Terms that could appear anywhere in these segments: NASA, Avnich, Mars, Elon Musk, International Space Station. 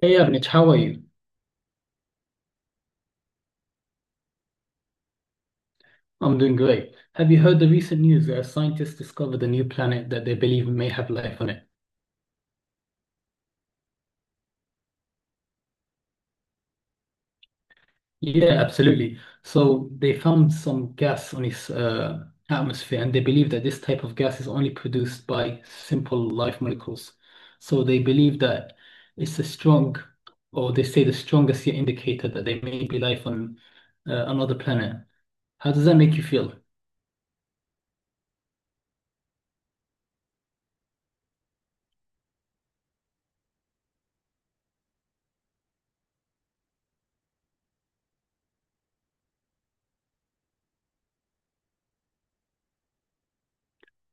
Hey Avnich, how are you? I'm doing great. Have you heard the recent news where scientists discovered a new planet that they believe may have life on it? Yeah, absolutely. So they found some gas on its atmosphere, and they believe that this type of gas is only produced by simple life molecules. So they believe that it's a strong, or they say the strongest yet indicator that there may be life on another planet. How does that make you feel?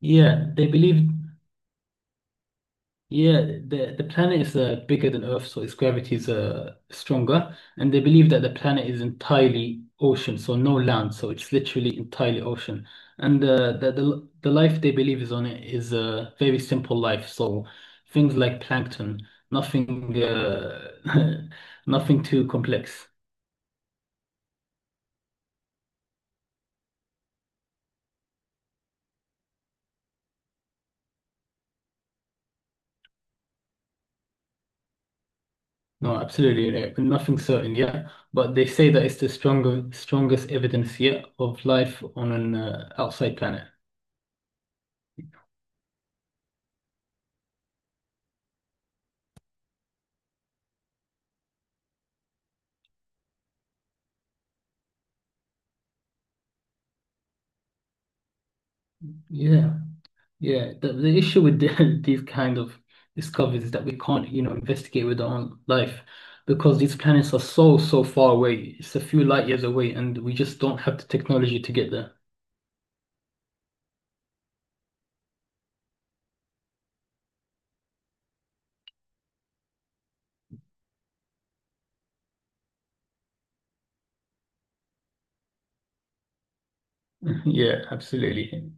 Yeah, they believe. Yeah, the planet is bigger than Earth, so its gravity is stronger, and they believe that the planet is entirely ocean, so no land, so it's literally entirely ocean, and the life they believe is on it is a very simple life, so things like plankton, nothing, nothing too complex. No, absolutely, nothing certain. Yeah, but they say that it's the stronger strongest evidence yet of life on an outside planet. Yeah. Yeah, the issue with these kind of discoveries is that we can't, you know, investigate with our own life because these planets are so, so far away. It's a few light years away, and we just don't have the technology to get there. Yeah, absolutely.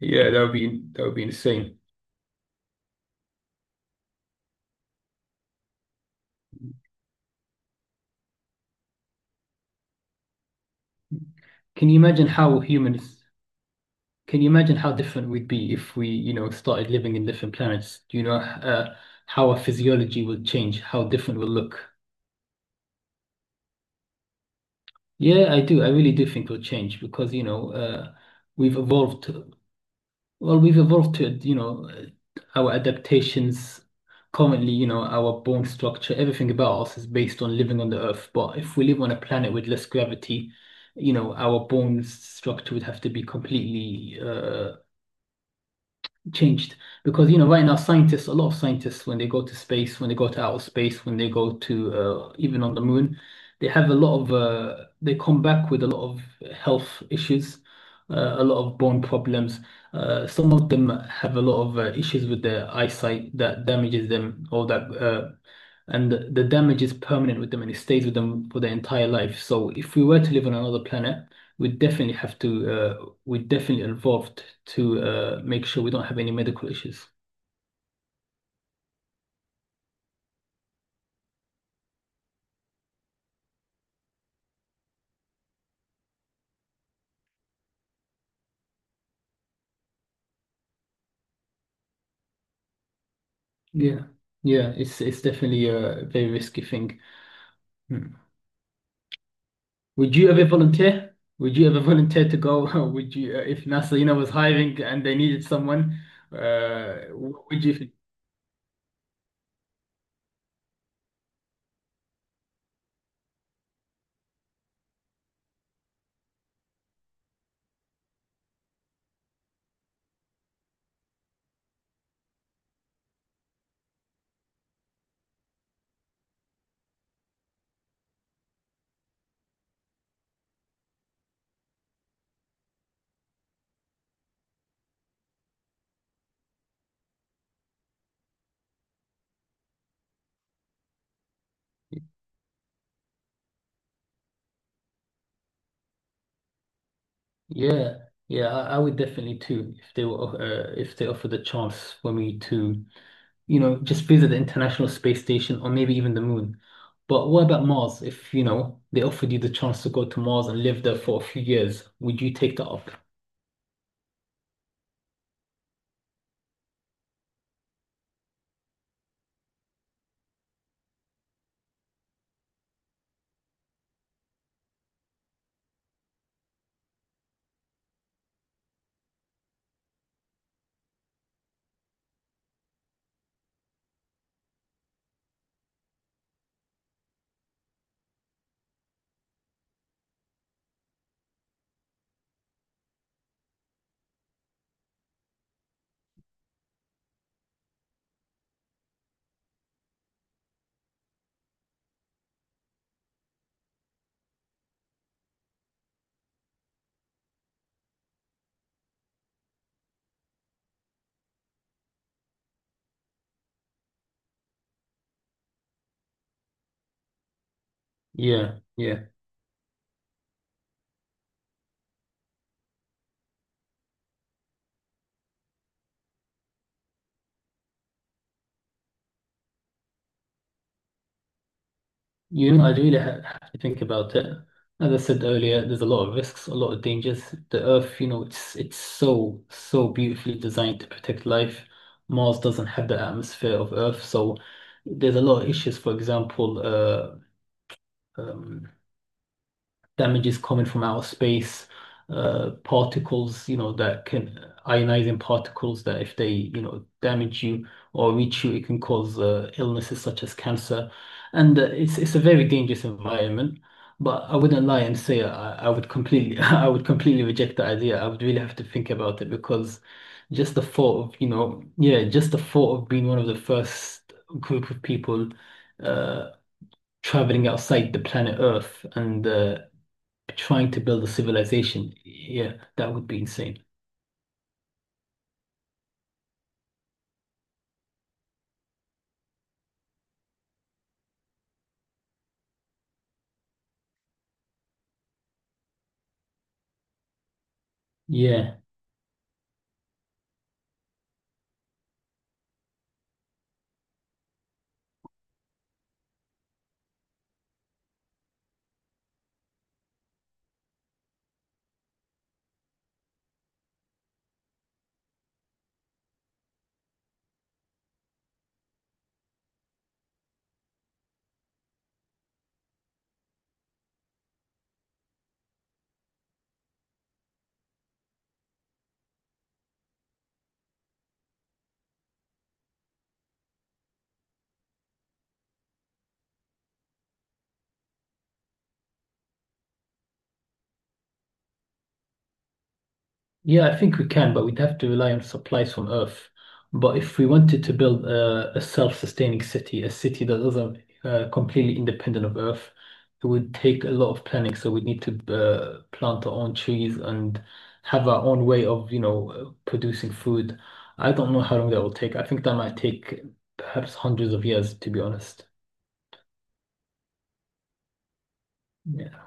Yeah, that would be insane. Can you imagine how humans? Can you imagine how different we'd be if we, you know, started living in different planets? Do you know how our physiology will change? How different we'll look? Yeah, I do. I really do think we'll change because, you know, we've evolved. Well, we've evolved to, you know, our adaptations. Currently, you know, our bone structure, everything about us is based on living on the Earth. But if we live on a planet with less gravity, you know, our bone structure would have to be completely changed because, you know, right now scientists, a lot of scientists when they go to space, when they go to even on the moon, they have a lot of they come back with a lot of health issues, a lot of bone problems, some of them have a lot of issues with their eyesight that damages them, or that and the damage is permanent with them, and it stays with them for their entire life. So if we were to live on another planet, we definitely have to, we definitely involved to make sure we don't have any medical issues. Yeah, yeah, it's definitely a very risky thing. Hmm. Would you ever volunteer? Would you ever volunteer to go? Would you, if NASA, you know, was hiring and they needed someone, what would you think? Yeah, yeah, I would definitely too if they were if they offered the chance for me to, you know, just visit the International Space Station or maybe even the moon. But what about Mars? If, you know, they offered you the chance to go to Mars and live there for a few years, would you take that up? Yeah, yeah. You know, I really ha have to think about it. As I said earlier, there's a lot of risks, a lot of dangers. The Earth, you know, it's so, so beautifully designed to protect life. Mars doesn't have the atmosphere of Earth, so there's a lot of issues. For example, uh, um, damages coming from outer space, particles, you know, that can ionizing particles that if they, you know, damage you or reach you, it can cause illnesses such as cancer. And it's a very dangerous environment. But I wouldn't lie and say I would completely I would completely reject the idea. I would really have to think about it because just the thought of being one of the first group of people uh traveling outside the planet Earth and trying to build a civilization. Yeah, that would be insane. Yeah. Yeah, I think we can, but we'd have to rely on supplies from Earth. But if we wanted to build a self-sustaining city, a city that isn't completely independent of Earth, it would take a lot of planning. So we'd need to plant our own trees and have our own way of, you know, producing food. I don't know how long that will take. I think that might take perhaps hundreds of years, to be honest. Yeah.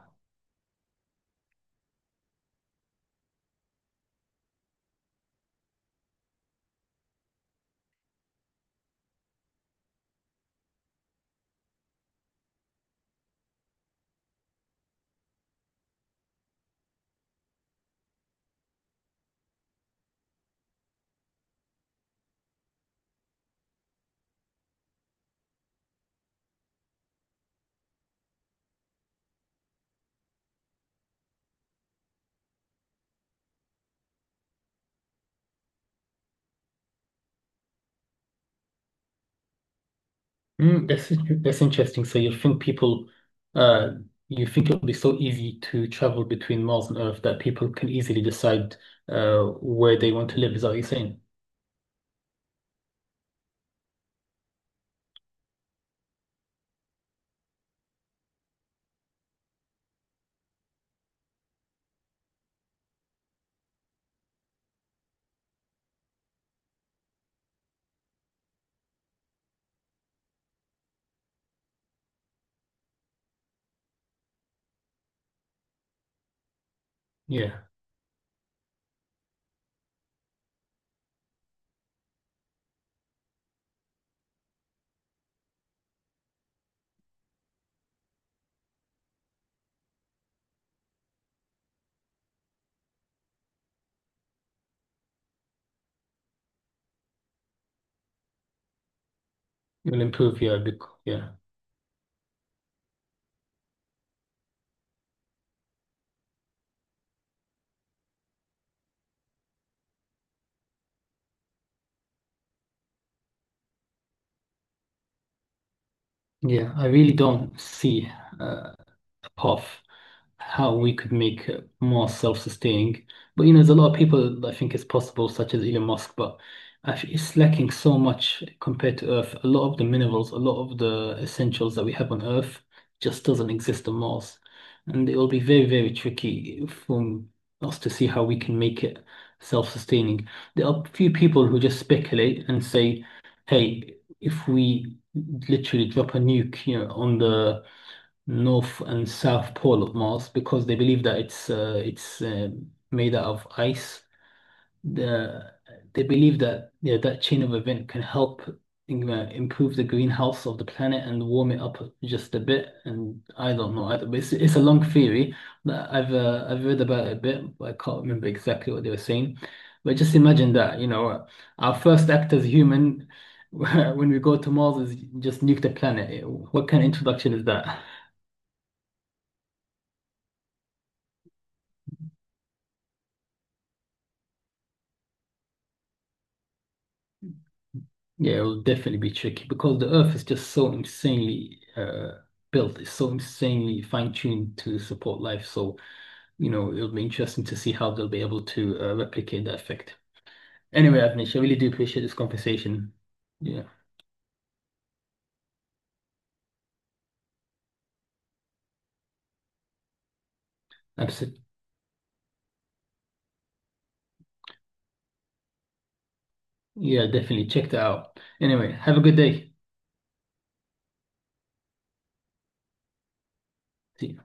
Mm, that's interesting. So you think people, uh, you think it'll be so easy to travel between Mars and Earth that people can easily decide where they want to live? Is that what you're saying? Yeah, it will improve. Yeah, yeah, yeah. I really don't see uh, a path, how we could make it more self-sustaining. But you know, there's a lot of people that think it's possible, such as Elon Musk, but actually it's lacking so much compared to Earth. A lot of the minerals, a lot of the essentials that we have on Earth just doesn't exist on Mars. And it will be very, very tricky for us to see how we can make it self-sustaining. There are a few people who just speculate and say, hey, if we literally drop a nuke, you know, on the north and south pole of Mars, because they believe that it's made out of ice. The, they believe that, yeah, that chain of event can help improve the greenhouse of the planet and warm it up just a bit. And I don't know, it's a long theory that I've read about it a bit, but I can't remember exactly what they were saying. But just imagine that, you know, our first act as human. When we go to Mars, is just nuke the planet. What kind of introduction is that? Yeah, it'll definitely be tricky because the Earth is just so insanely built. It's so insanely fine-tuned to support life. So, you know, it'll be interesting to see how they'll be able to replicate that effect. Anyway, Avnish, I really do appreciate this conversation. Yeah, absolutely. Yeah, definitely. Check that out. Anyway, have a good day. See you.